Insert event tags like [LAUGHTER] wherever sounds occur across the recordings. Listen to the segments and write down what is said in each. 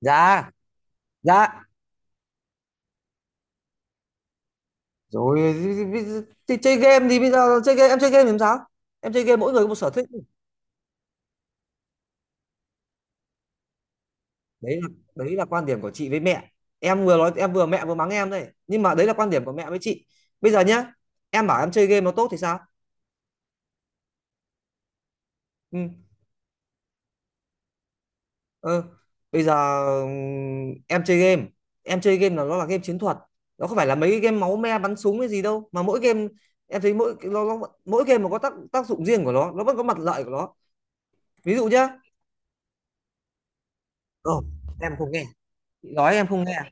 Dạ dạ rồi thì, chơi game thì bây giờ chơi game em chơi game thì làm sao? Em chơi game, mỗi người có một sở thích. đấy là Đấy là quan điểm của chị với mẹ. Em vừa nói em vừa mẹ vừa mắng em đây, nhưng mà đấy là quan điểm của mẹ với chị. Bây giờ nhá, em bảo em chơi game nó tốt thì sao? Ừ. Ừ. Bây giờ em chơi game, em chơi game là nó là game chiến thuật. Nó không phải là mấy cái game máu me bắn súng hay gì đâu, mà mỗi game em thấy mỗi nó mỗi game mà có tác tác dụng riêng của nó vẫn có mặt lợi của nó. Ví dụ nhá. Ờ, em không nghe, chị nói em không nghe à?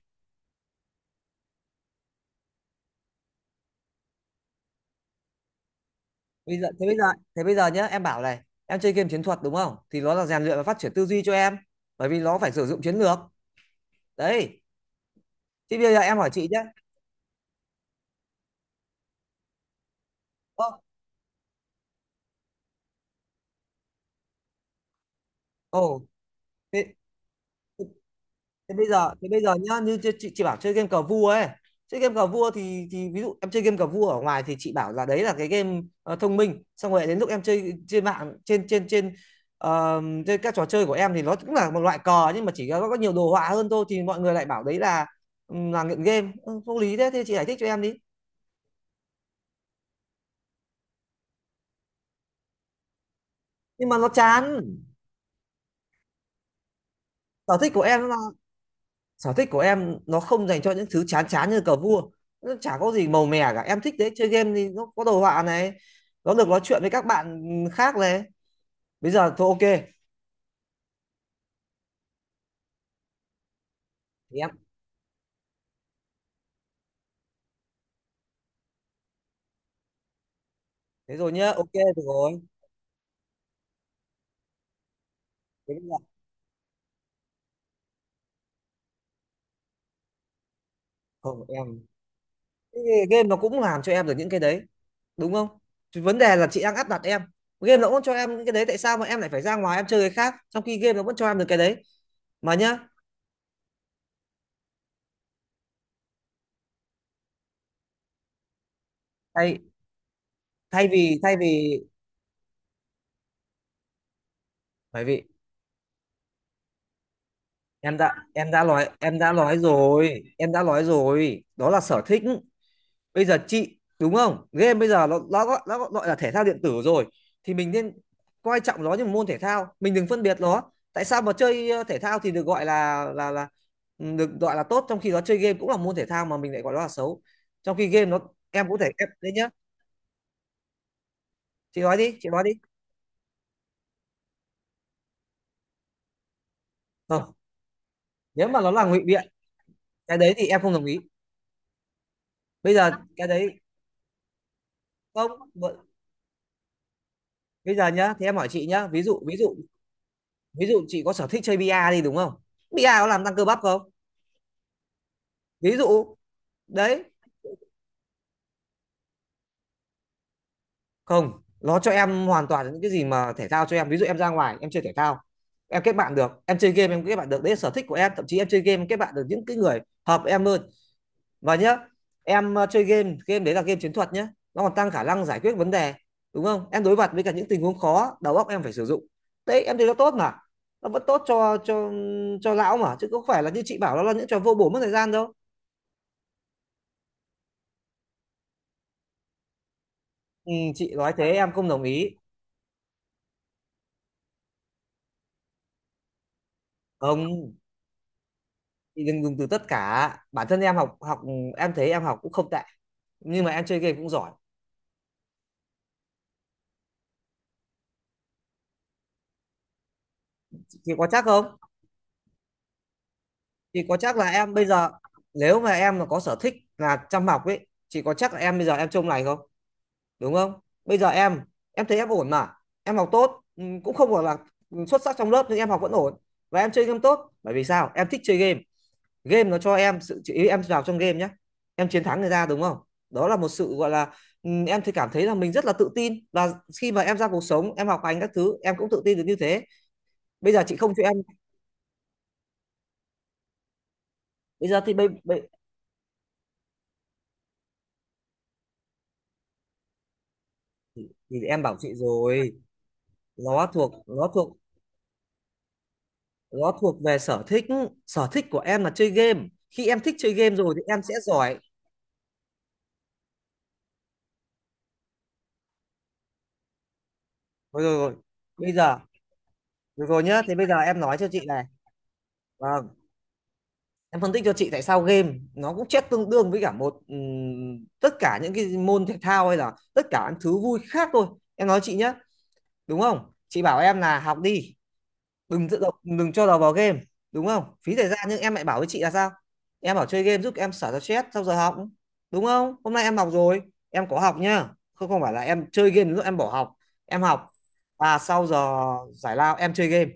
Bây giờ thế bây giờ Thế bây giờ nhá, em bảo này, em chơi game chiến thuật đúng không, thì nó là rèn luyện và phát triển tư duy cho em, bởi vì nó phải sử dụng chiến lược. Đấy, thế bây giờ em hỏi chị nhá. Ô. Ồ, thế thế bây giờ nhá, như chị, chị bảo chơi game cờ vua ấy, chơi game cờ vua thì ví dụ em chơi game cờ vua ở ngoài thì chị bảo là đấy là cái game thông minh, xong rồi đến lúc em chơi trên mạng, trên trên trên ờ, trên các trò chơi của em thì nó cũng là một loại cờ, nhưng mà có nhiều đồ họa hơn thôi, thì mọi người lại bảo đấy là nghiện game. Ừ, vô lý, thế thì chị giải thích cho em đi. Nhưng mà nó chán. sở thích của em là Sở thích của em nó không dành cho những thứ chán chán như cờ vua. Nó chả có gì màu mè cả, em thích đấy, chơi game thì nó có đồ họa này, nó được nói chuyện với các bạn khác này. Bây giờ thôi, ok. thì em Thế rồi nhá, ok được rồi. Thế bây giờ. Không em, cái game nó cũng làm cho em được những cái đấy, đúng không? Thì vấn đề là chị đang áp đặt em, game nó cũng cho em những cái đấy, tại sao mà em lại phải ra ngoài em chơi cái khác trong khi game nó vẫn cho em được cái đấy mà nhá. Thay thay vì bởi vì em đã nói rồi em đã nói rồi đó là sở thích. Bây giờ chị đúng không, game bây giờ nó gọi là thể thao điện tử rồi, thì mình nên coi trọng nó như một môn thể thao, mình đừng phân biệt nó. Tại sao mà chơi thể thao thì được gọi là được gọi là tốt, trong khi đó chơi game cũng là môn thể thao mà mình lại gọi nó là xấu? Trong khi game nó em cũng thể em đấy nhá, chị nói đi, chị nói đi. Không, nếu mà nó là ngụy biện cái đấy thì em không đồng ý. Bây giờ cái đấy không, bây giờ nhá, thì em hỏi chị nhá, ví dụ ví dụ chị có sở thích chơi bia đi, đúng không, bia có làm tăng cơ bắp không? Ví dụ đấy. Không, nó cho em hoàn toàn những cái gì mà thể thao cho em. Ví dụ em ra ngoài em chơi thể thao em kết bạn được, em chơi game em kết bạn được, đấy là sở thích của em. Thậm chí em chơi game em kết bạn được những cái người hợp em hơn. Và nhá, em chơi game, game đấy là game chiến thuật nhá, nó còn tăng khả năng giải quyết vấn đề, đúng không? Em đối mặt với cả những tình huống khó, đầu óc em phải sử dụng. Đấy, em thấy nó tốt mà, nó vẫn tốt cho cho lão mà, chứ không phải là như chị bảo nó là những trò vô bổ mất thời gian đâu. Ừ, chị nói thế em không đồng ý. Không, chị đừng dùng từ tất cả. Bản thân em học học em thấy em học cũng không tệ, nhưng mà em chơi game cũng giỏi. Thì có chắc không, thì có chắc là em bây giờ, nếu mà em mà có sở thích là chăm học ấy, chị có chắc là em bây giờ em trông này không, đúng không? Bây giờ Em thấy em ổn mà, em học tốt. Ừ, cũng không phải là xuất sắc trong lớp, nhưng em học vẫn ổn, và em chơi game tốt. Bởi vì sao em thích chơi game? Game nó cho em sự ý, em vào trong game nhé, em chiến thắng người ta đúng không, đó là một sự gọi là, ừ, em thì cảm thấy là mình rất là tự tin, và khi mà em ra cuộc sống em học hành các thứ em cũng tự tin được như thế. Bây giờ chị không cho em. Bây giờ thì bây, bây thì em bảo chị rồi, nó thuộc nó thuộc nó thuộc về sở thích. Sở thích của em là chơi game, khi em thích chơi game rồi thì em sẽ giỏi. Rồi, rồi, rồi. Bây giờ Rồi, rồi nhá, thì bây giờ em nói cho chị này. Và em phân tích cho chị tại sao game nó cũng chết tương đương với cả một tất cả những cái môn thể thao hay là tất cả những thứ vui khác thôi. Em nói chị nhé, đúng không? Chị bảo em là học đi, đừng cho đầu vào game, đúng không, phí thời gian. Nhưng em lại bảo với chị là sao, em bảo chơi game giúp em xả ra stress sau giờ học, đúng không? Hôm nay em học rồi, em có học nhá, không không phải là em chơi game lúc em bỏ học, em học. Và sau giờ giải lao em chơi game,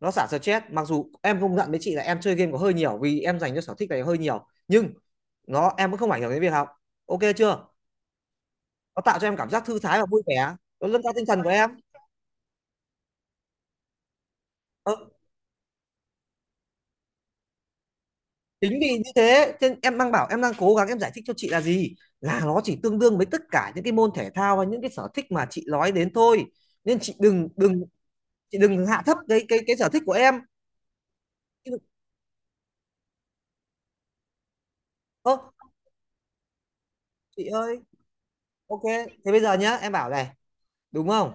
nó xả stress. Mặc dù em công nhận với chị là em chơi game có hơi nhiều, vì em dành cho sở thích này hơi nhiều, nhưng nó em cũng không ảnh hưởng đến việc học, ok chưa? Nó tạo cho em cảm giác thư thái và vui vẻ, nó nâng cao tinh thần của em. Ờ, chính vì như thế nên em đang bảo, em đang cố gắng em giải thích cho chị là gì, là nó chỉ tương đương với tất cả những cái môn thể thao hay những cái sở thích mà chị nói đến thôi. Nên chị đừng đừng chị đừng hạ thấp cái cái sở thích của em. Chị đừng- Ơ, chị ơi, ok, thế bây giờ nhá, em bảo này, đúng không?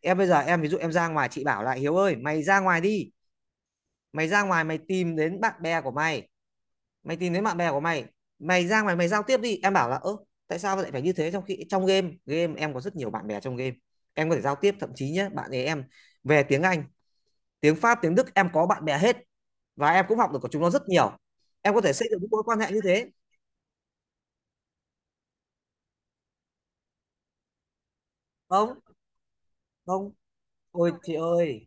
Em bây giờ em ví dụ em ra ngoài, chị bảo là Hiếu ơi mày ra ngoài đi, mày ra ngoài mày tìm đến bạn bè của mày, mày tìm thấy bạn bè của mày, mày ra ngoài mày giao tiếp đi. Em bảo là ơ, tại sao lại phải như thế, trong khi trong game game em có rất nhiều bạn bè trong game, em có thể giao tiếp. Thậm chí nhé, bạn ấy em về tiếng Anh, tiếng Pháp, tiếng Đức em có bạn bè hết, và em cũng học được của chúng nó rất nhiều. Em có thể xây dựng những mối quan hệ như thế. Không, không, ôi chị ơi.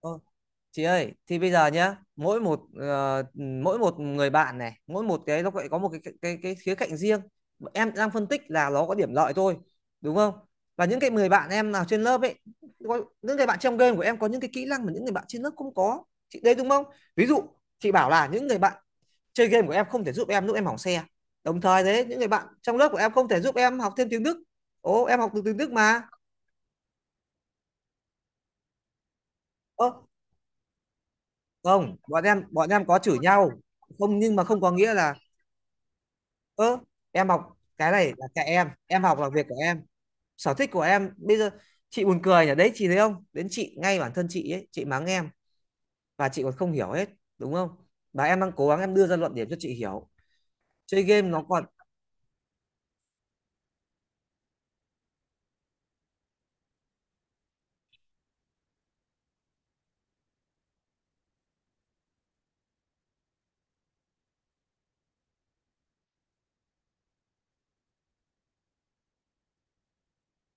Ơ, chị ơi, thì bây giờ nhá, mỗi một mỗi một người bạn này, mỗi một cái nó lại có một cái khía cạnh riêng. Em đang phân tích là nó có điểm lợi thôi, đúng không? Và những cái người bạn em nào trên lớp ấy, có, những người bạn trong game của em có những cái kỹ năng mà những người bạn trên lớp không có. Chị đấy đúng không? Ví dụ, chị bảo là những người bạn chơi game của em không thể giúp em lúc em hỏng xe. Đồng thời đấy, những người bạn trong lớp của em không thể giúp em học thêm tiếng Đức. Ồ, em học từ tiếng Đức mà. Ơ, không, bọn em có chửi nhau. Không, nhưng mà không có nghĩa là ơ em học cái này là cái em học, là việc của em, sở thích của em. Bây giờ chị buồn cười nhỉ, đấy chị thấy không, đến chị ngay bản thân chị ấy chị mắng em và chị còn không hiểu hết, đúng không? Và em đang cố gắng em đưa ra luận điểm cho chị hiểu chơi game nó còn...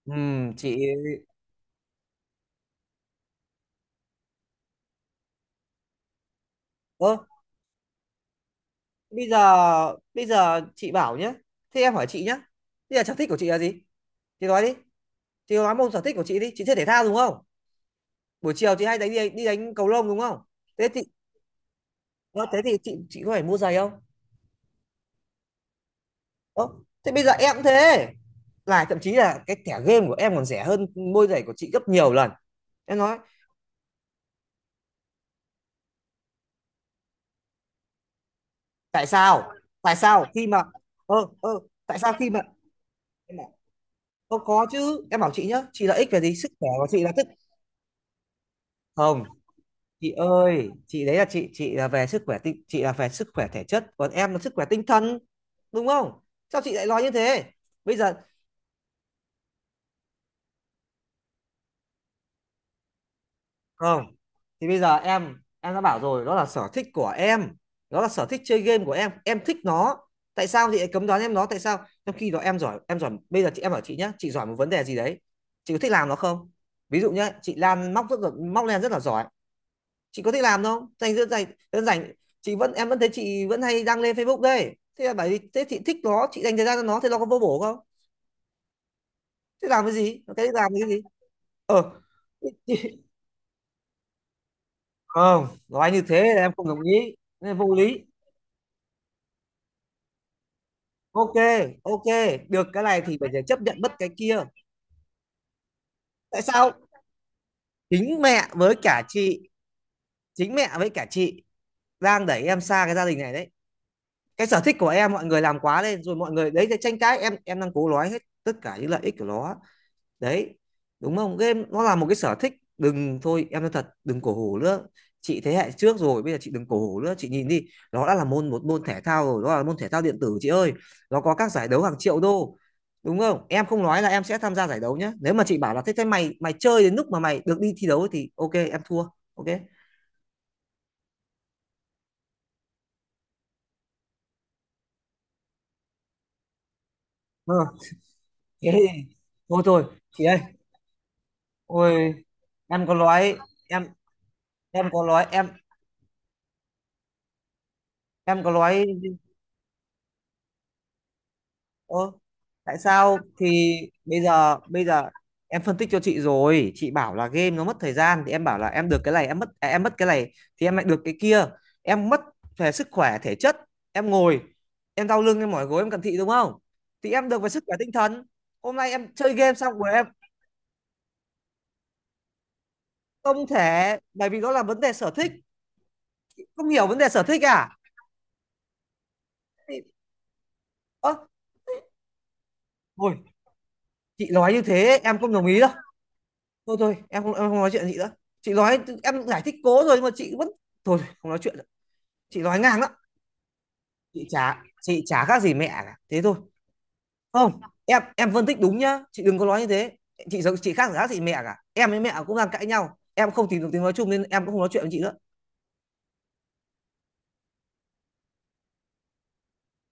chị... ơ bây giờ, bây giờ chị bảo nhé, thế em hỏi chị nhé, bây giờ sở thích của chị là gì? Chị nói đi, chị nói môn sở thích của chị đi. Chị chơi thể thao đúng không? Buổi chiều chị hay đánh đi đánh cầu lông đúng không? Thế thì ờ, thế thì chị có phải mua giày không? Ơ, thế bây giờ em cũng thế, là thậm chí là cái thẻ game của em còn rẻ hơn môi giày của chị gấp nhiều lần. Em nói, tại sao, tại sao khi mà... ơ ơ tại sao khi mà em bảo, "Ơ, có chứ", em bảo chị nhá, chị lợi ích về gì sức khỏe của chị là tức... không, chị ơi, chị đấy là chị là về sức khỏe tinh, chị là về sức khỏe thể chất, còn em là sức khỏe tinh thần, đúng không? Sao chị lại nói như thế? Bây giờ không, thì bây giờ em đã bảo rồi, đó là sở thích của em, đó là sở thích chơi game của em thích nó. Tại sao chị lại cấm đoán em nó, tại sao? Trong khi đó em giỏi, em giỏi. Bây giờ chị, em bảo chị nhé, chị giỏi một vấn đề gì đấy, chị có thích làm nó không? Ví dụ nhé, chị Lan móc, rất là móc len rất là giỏi, chị có thích làm không? Dành rất dành, rất dành, chị vẫn, em vẫn thấy chị vẫn hay đăng lên Facebook đây, thế là bởi vì thế chị thích nó, chị dành thời gian cho nó, thế nó có vô bổ không? Thế làm cái gì, làm cái gì? Ờ. [LAUGHS] Không, nói như thế là em không đồng ý, nên vô lý. Ok, ok, được cái này thì phải chấp nhận mất cái kia. Tại sao? Chính mẹ với cả chị, chính mẹ với cả chị đang đẩy em xa cái gia đình này đấy. Cái sở thích của em mọi người làm quá lên rồi, mọi người đấy cái tranh cãi, em đang cố nói hết tất cả những lợi ích của nó đấy, đúng không? Game nó là một cái sở thích, đừng, thôi em nói thật, đừng cổ hủ nữa. Chị thế hệ trước rồi, bây giờ chị đừng cổ hủ nữa. Chị nhìn đi, nó đã là môn, một môn thể thao rồi, nó là môn thể thao điện tử chị ơi. Nó có các giải đấu hàng triệu đô, đúng không? Em không nói là em sẽ tham gia giải đấu nhé, nếu mà chị bảo là thế, thế mày mày chơi đến lúc mà mày được đi thi đấu thì ok em thua. Ok. Ừ. Thế thì thôi thôi, chị ơi, ôi, em có nói, em em có nói em có nói... Ơ, tại sao thì... bây giờ em phân tích cho chị rồi, chị bảo là game nó mất thời gian thì em bảo là em được cái này, em mất à, em mất cái này thì em lại được cái kia. Em mất về sức khỏe thể chất, em ngồi, em đau lưng, em mỏi gối, em cận thị đúng không? Thì em được về sức khỏe tinh thần. Hôm nay em chơi game xong rồi em... không thể, bởi vì đó là vấn đề sở thích. Không hiểu vấn đề sở thích à? Thì, ơ, ôi, chị nói như thế em không đồng ý đâu. Thôi thôi, em không, em không nói chuyện chị nữa. Chị nói, em giải thích cố rồi nhưng mà chị vẫn... thôi không nói chuyện nữa. Chị nói ngang đó, chị chả khác gì mẹ cả, thế thôi. Không, em phân tích đúng nhá, chị đừng có nói như thế. Chị giống, chị khác gì, khác chị, mẹ cả em với mẹ cũng đang cãi nhau, em không tìm được tiếng nói chung nên em cũng không nói chuyện với chị nữa.